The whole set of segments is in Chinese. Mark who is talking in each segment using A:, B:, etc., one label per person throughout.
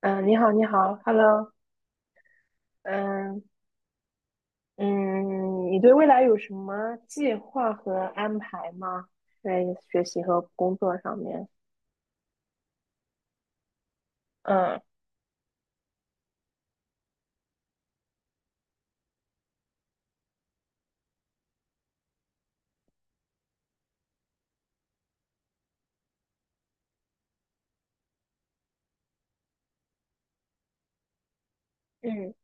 A: 嗯，你好，你好，Hello，嗯嗯。你对未来有什么计划和安排吗？在学习和工作上面。嗯嗯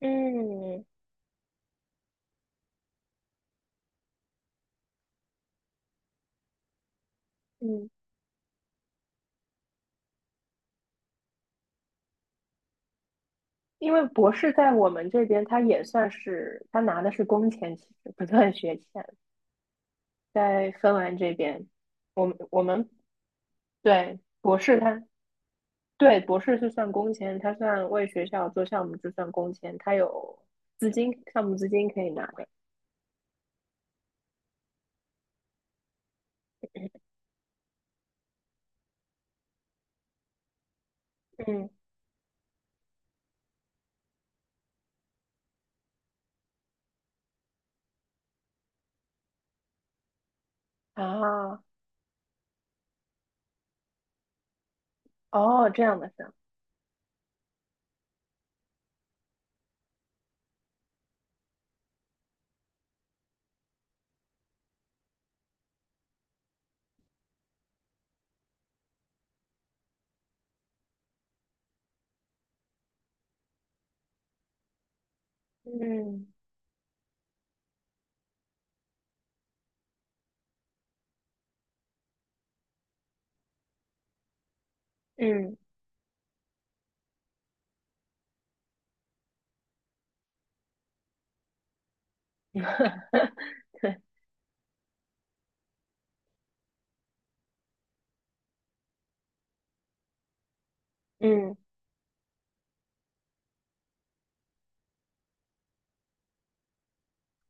A: 嗯嗯，因为博士在我们这边，他也算是他拿的是工钱，其实不算学钱。在芬兰这边，我们对博士他对博士是算工钱，他算为学校做项目就算工钱，他有项目资金可以拿的。嗯。啊，哦，这样的事儿。嗯嗯，对。嗯，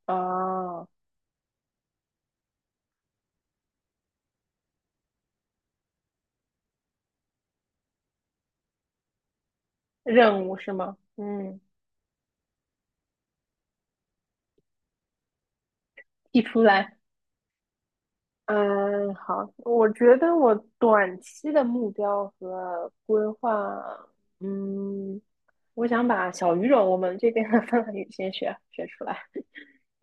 A: 哦，任务是吗？嗯。提出来。嗯，好，我觉得我短期的目标和规划。嗯，我想把小语种我们这边的芬兰语先学学出来。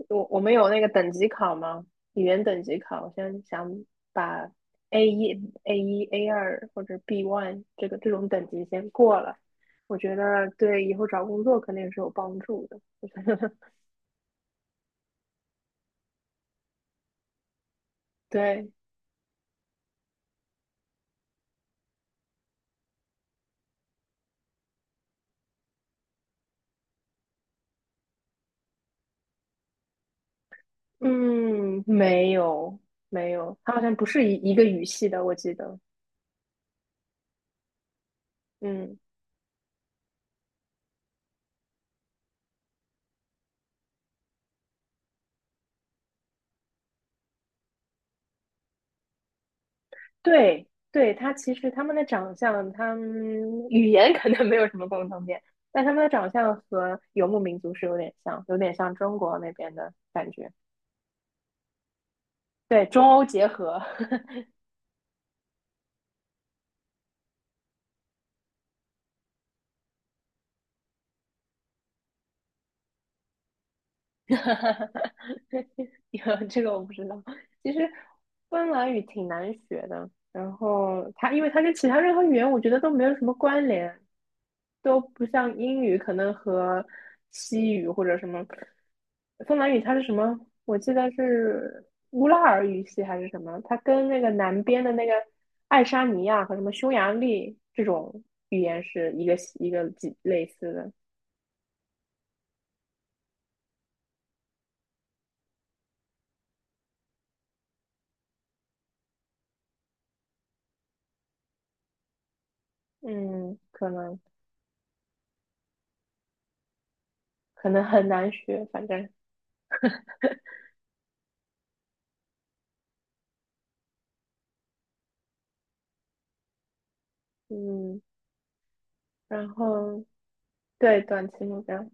A: 我们有那个等级考吗？语言等级考，我现在想把 A 一、A2或者 B1 这个这种等级先过了，我觉得对以后找工作肯定是有帮助的。我觉得 对。嗯，没有没有，它好像不是一个语系的，我记得。嗯。对对，其实他们的长相，他们语言可能没有什么共同点，但他们的长相和游牧民族是有点像，有点像中国那边的感觉。对，中欧结合。有这个我不知道。其实芬兰语挺难学的，然后因为它跟其他任何语言我觉得都没有什么关联，都不像英语，可能和西语或者什么芬兰语，它是什么？我记得是乌拉尔语系还是什么？它跟那个南边的那个爱沙尼亚和什么匈牙利这种语言是一个系一个几类似的。嗯，可能很难学，反正。嗯，然后对短期目标，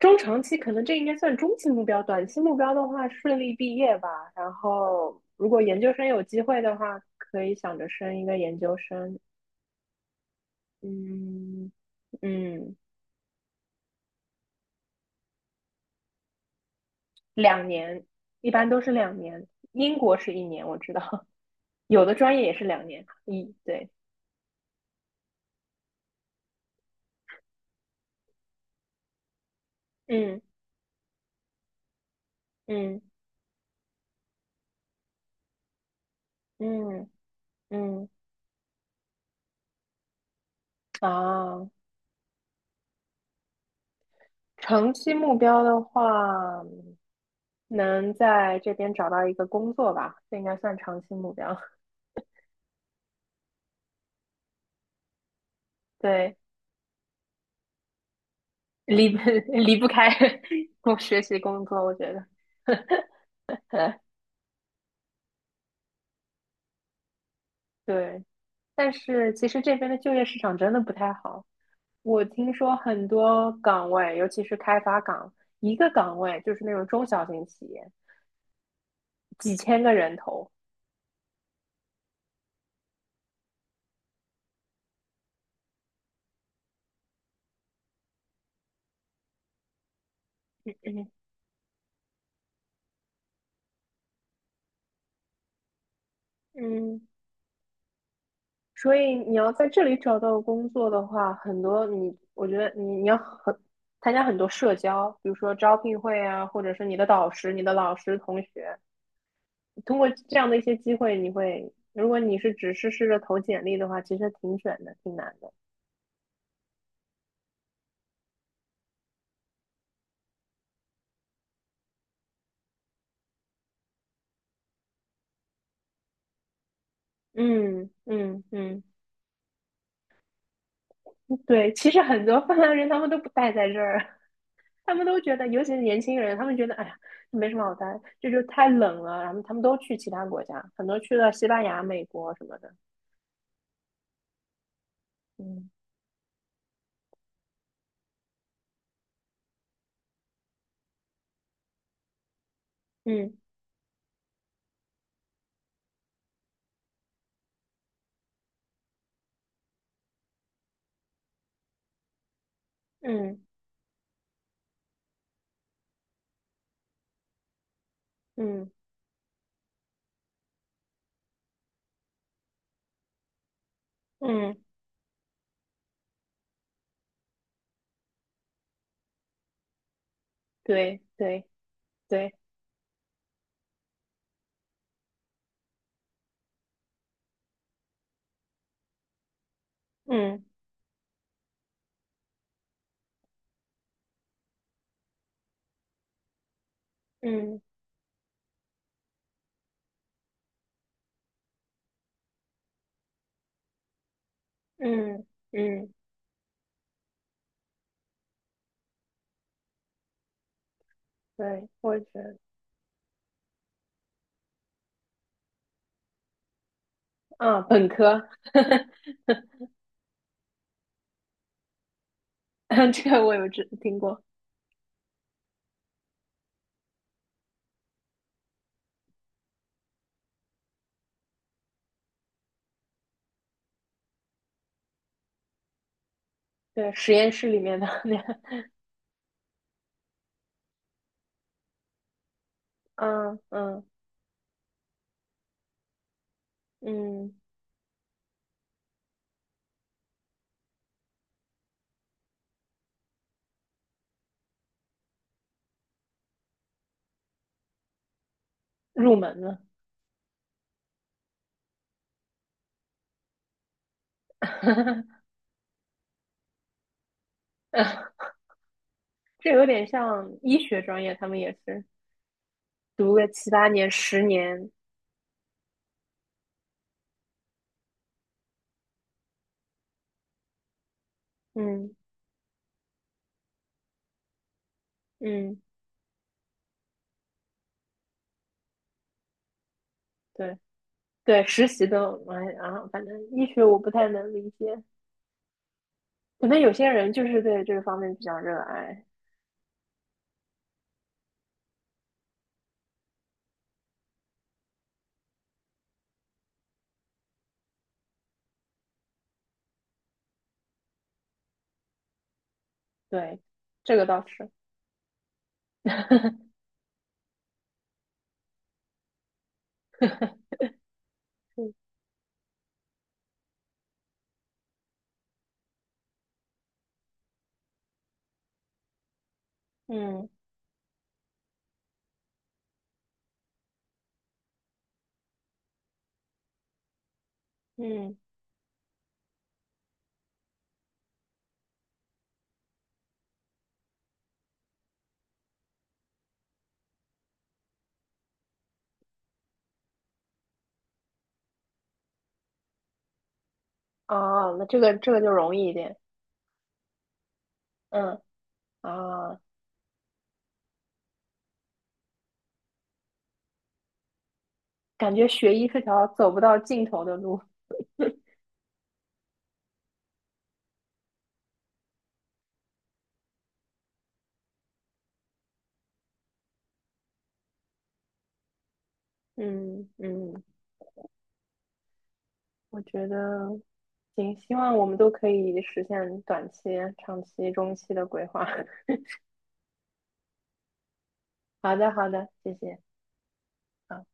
A: 中长期可能这应该算中期目标，短期目标的话，顺利毕业吧。然后，如果研究生有机会的话，可以想着升一个研究生。嗯嗯，两年，一般都是两年。英国是1年，我知道。有的专业也是2年。对。嗯嗯嗯嗯啊，长期目标的话，能在这边找到一个工作吧，这应该算长期目标。对。离不 离不开 我学习工作，我觉得 对。但是其实这边的就业市场真的不太好，我听说很多岗位，尤其是开发岗，一个岗位就是那种中小型企业，几千个人头。嗯嗯，所以你要在这里找到工作的话，很多你，我觉得你要参加很多社交，比如说招聘会啊，或者是你的导师、你的老师、同学。通过这样的一些机会，你会，如果只是试着投简历的话，其实挺卷的，挺难的。嗯嗯嗯，对，其实很多芬兰人他们都不待在这儿。他们都觉得，尤其是年轻人，他们觉得，哎呀，没什么好待，这就太冷了，然后他们都去其他国家，很多去了西班牙、美国什么的。嗯嗯嗯嗯嗯，对对对。嗯嗯嗯嗯，对，我觉得，啊，本科。这个我有知听过。对，实验室里面的那个。嗯嗯嗯，入门了。嗯这有点像医学专业，他们也是读个7、8年、10年。嗯嗯，对对，实习的。哎啊，反正医学我不太能理解，可能有些人就是对这个方面比较热爱。对，这个倒是。嗯嗯嗯，哦，那这个就容易一点。嗯啊。哦，感觉学医是条走不到尽头的路。嗯嗯，我觉得行，希望我们都可以实现短期、长期、中期的规划。好的，好的，谢谢。好。